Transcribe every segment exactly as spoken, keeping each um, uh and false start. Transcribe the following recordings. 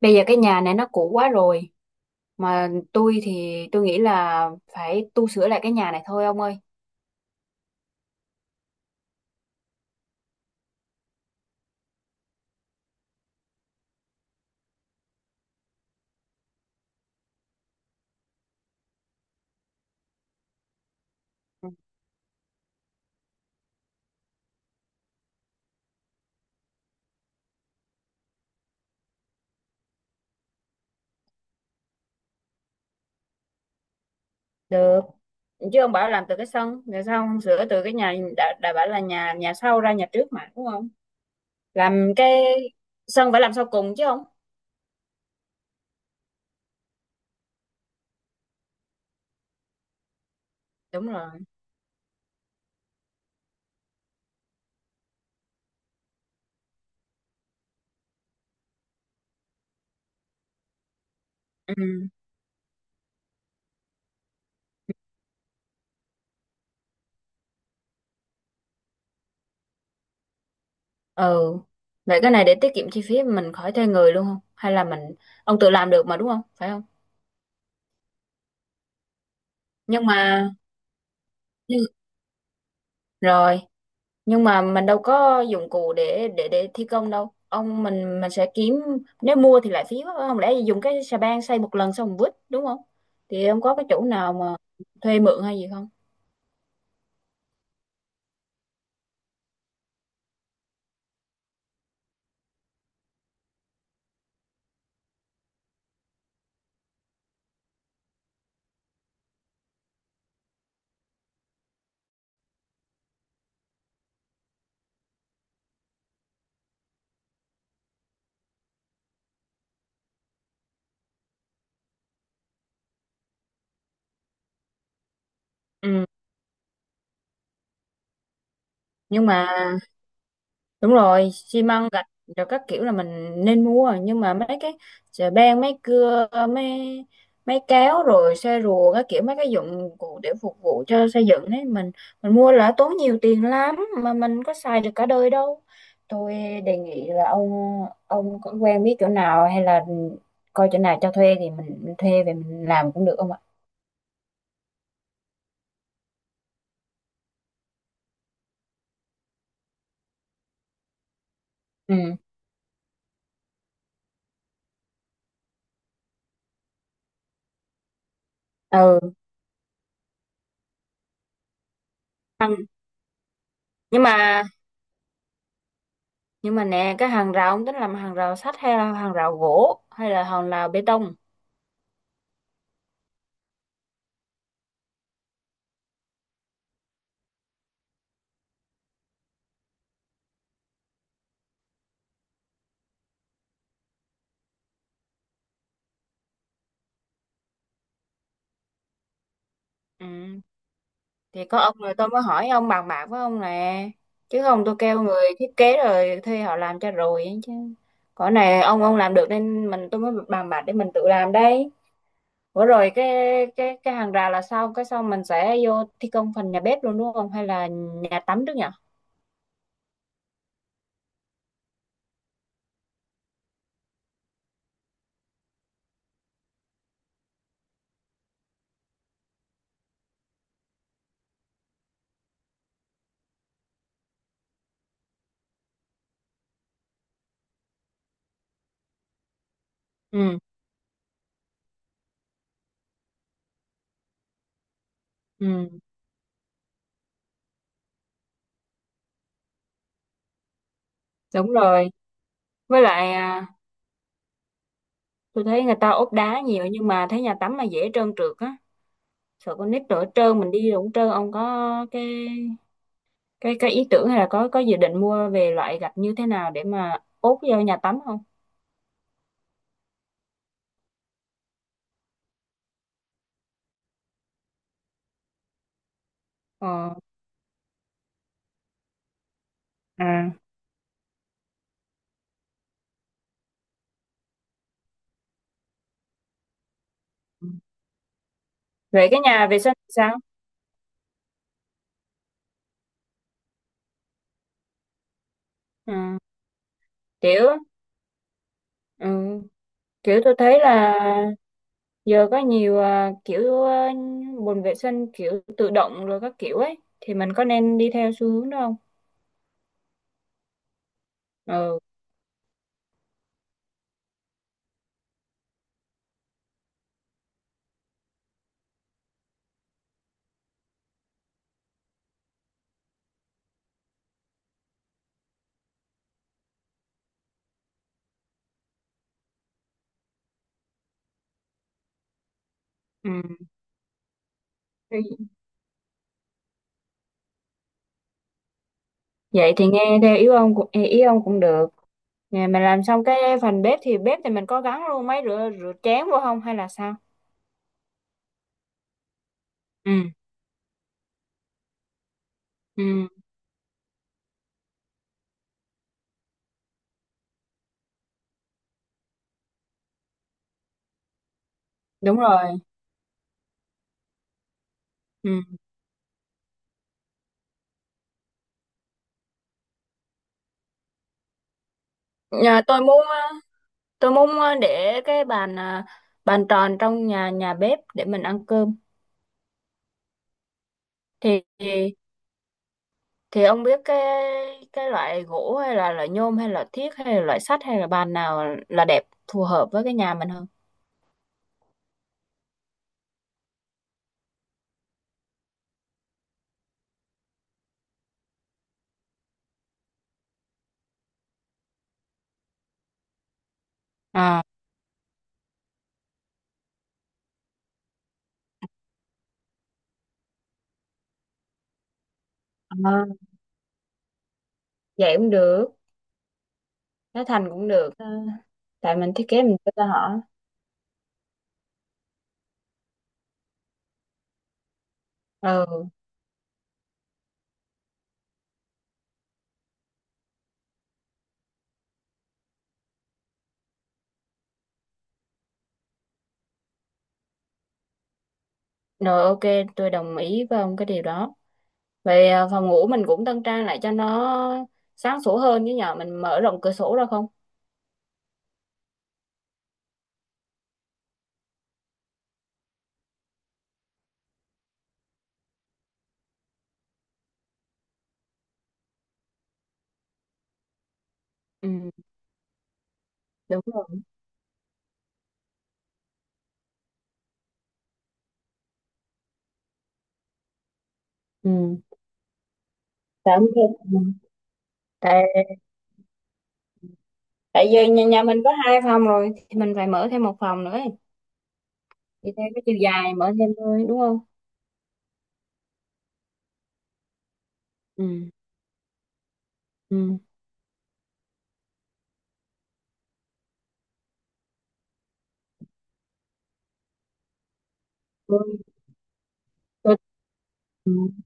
Bây giờ cái nhà này nó cũ quá rồi. Mà tôi thì tôi nghĩ là phải tu sửa lại cái nhà này thôi ông ơi. Được, chứ ông bảo làm từ cái sân, rồi sao ông sửa từ cái nhà đã, đã bảo là nhà nhà sau ra nhà trước mà đúng không? Làm cái sân phải làm sau cùng chứ không? Đúng rồi. Ừ. Ừ. Vậy cái này để tiết kiệm chi phí mình khỏi thuê người luôn không? Hay là mình ông tự làm được mà đúng không? Phải không? Nhưng mà nhưng- rồi nhưng mà mình đâu có dụng cụ để để để thi công đâu ông. Mình mình sẽ kiếm, nếu mua thì lại phí quá. Không lẽ dùng cái xà beng xây một lần xong mình vứt, đúng không? Thì ông có cái chỗ nào mà thuê mượn hay gì không? Ừ. Nhưng mà đúng rồi, xi măng gạch rồi các kiểu là mình nên mua rồi. Nhưng mà mấy cái chà beng, mấy cưa, mấy mấy kéo, rồi xe rùa các kiểu, mấy cái dụng cụ để phục vụ cho xây dựng đấy, mình mình mua là tốn nhiều tiền lắm, mà mình có xài được cả đời đâu. Tôi đề nghị là ông ông có quen biết chỗ nào hay là coi chỗ nào cho thuê thì mình, mình thuê về mình làm cũng được không ạ? Ừ. Ừ. Hàng- nhưng mà nhưng mà nè, cái hàng rào ông tính làm hàng rào sắt hay là hàng rào gỗ hay là hàng rào bê tông? Ừ. Thì có ông rồi tôi mới hỏi ông, bàn bạc với ông nè, chứ không tôi kêu người thiết kế rồi thuê họ làm cho rồi ấy chứ. Cõi này ông ông làm được nên mình tôi mới bàn bạc để mình tự làm đây. Bữa rồi cái cái cái hàng rào là sao, cái sau mình sẽ vô thi công phần nhà bếp luôn đúng không, hay là nhà tắm trước nhỉ? Ừ. Ừ. Đúng rồi. Với lại à, tôi thấy người ta ốp đá nhiều nhưng mà thấy nhà tắm là dễ trơn trượt á. Sợ con nít đổ trơn, mình đi đổ trơn, ông có cái cái cái ý tưởng hay là có có dự định mua về loại gạch như thế nào để mà ốp vô nhà tắm không? Ờ. À, về cái nhà vệ sinh thì sao? Ừ. Kiểu ừ. Kiểu tôi thấy là giờ có nhiều à, kiểu à, bồn vệ sinh kiểu tự động rồi các kiểu ấy thì mình có nên đi theo xu hướng đó không? Ừ. Ừ. Thì- vậy thì nghe theo ý ông cũng ý ông cũng được. Nè, mình làm xong cái phần bếp thì bếp thì mình có gắn luôn máy rửa rửa chén vô không hay là sao? Ừ. Ừ. Đúng rồi. Ừ. Nhà tôi muốn ờ, tôi muốn ờ, để cái bàn ờ, bàn tròn trong nhà nhà bếp để mình ăn cơm. Thì thì thì ông biết cái cái loại gỗ hay là loại nhôm hay là thiếc hay là loại sắt hay là bàn nào là đẹp phù hợp với cái nhà mình không? À, à, vậy cũng được, nó thành cũng được. Ờ, tại mình thiết kế mình cho ra họ. Ừ, rồi ok, tôi đồng ý với ông cái điều đó. Vậy ờ, phòng ngủ mình cũng tân trang lại cho nó sáng sủa hơn, chứ nhờ mình mở rộng cửa sổ ra không? Ừ. Đúng rồi. Ừ. Tại không thêm. Ừ. tại tại giờ nhà, nhà mình có hai phòng rồi thì mình phải mở thêm một phòng nữa ấy. Thì theo cái chiều dài mở thêm thôi đúng không? Ừ. Ừ. tôi, tôi,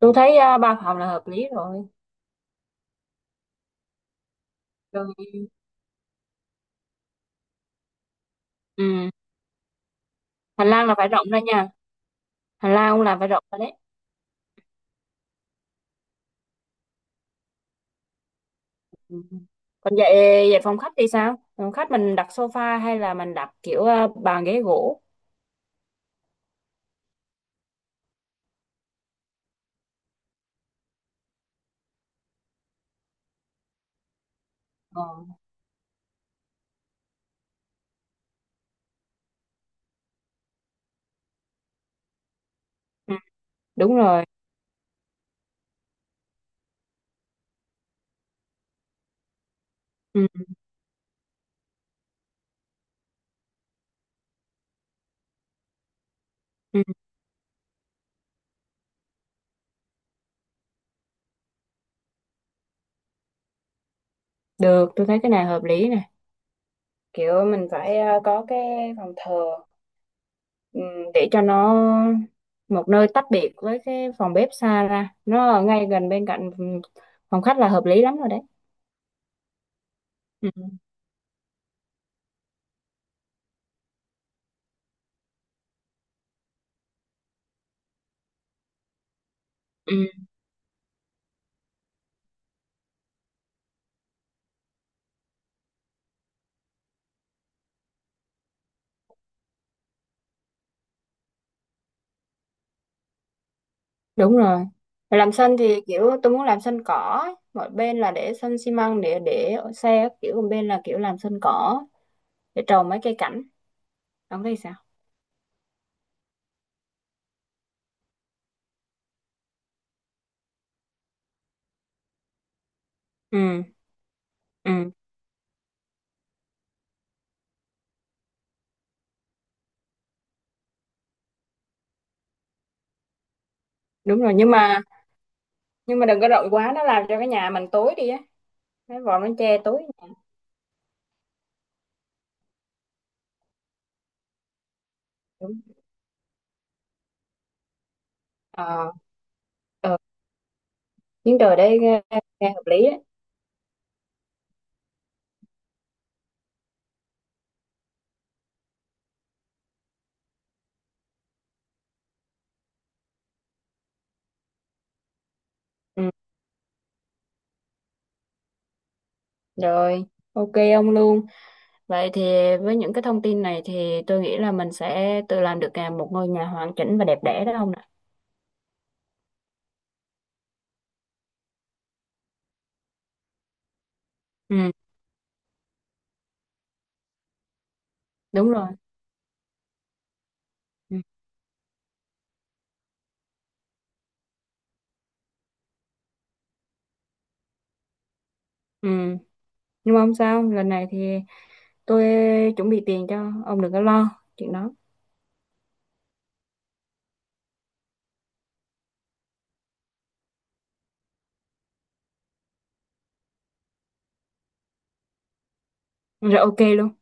tôi thấy à, ba phòng là hợp lý rồi. Rồi. Ừ. Hành lang là phải rộng ra nha, hành lang cũng là phải rộng ra đấy. Ừ. Còn vậy vậy phòng khách thì sao, phòng khách mình đặt sofa hay là mình đặt kiểu à, bàn ghế gỗ? Ờ. Ừ. Đúng rồi. Ừ. Ừ. Được, tôi thấy cái này hợp lý nè. Kiểu mình phải ờ, có cái phòng thờ, ừm, để cho nó một nơi tách biệt với cái phòng bếp, xa ra nó ở ngay gần bên cạnh, ừm, phòng khách là hợp lý lắm rồi đấy. Ừ. Ừ, đúng rồi. Mà làm sân thì kiểu tôi muốn làm sân cỏ ấy. Một bên là để sân xi măng để để xe các kiểu, một bên là kiểu làm sân cỏ để trồng mấy cây cảnh, ông thấy sao? Ừ. Ừ. Đúng rồi. Nhưng mà nhưng mà đừng có rộng quá nó làm cho cái nhà mình tối đi á, cái vòm nó che tối nhà. Đúng. Ờ. Ờ. Chuyến trời đấy nghe, nghe hợp lý đấy. Ừ, rồi, ok ông luôn. Vậy thì với những cái thông tin này thì tôi nghĩ là mình sẽ tự làm được à, một ngôi nhà hoàn chỉnh và đẹp đẽ đó ông ạ. Ừ, đúng rồi. Ừ. Ừ. Nhưng mà không sao, lần này thì tôi chuẩn bị tiền cho ông đừng có lo chuyện đó. Rồi ok luôn.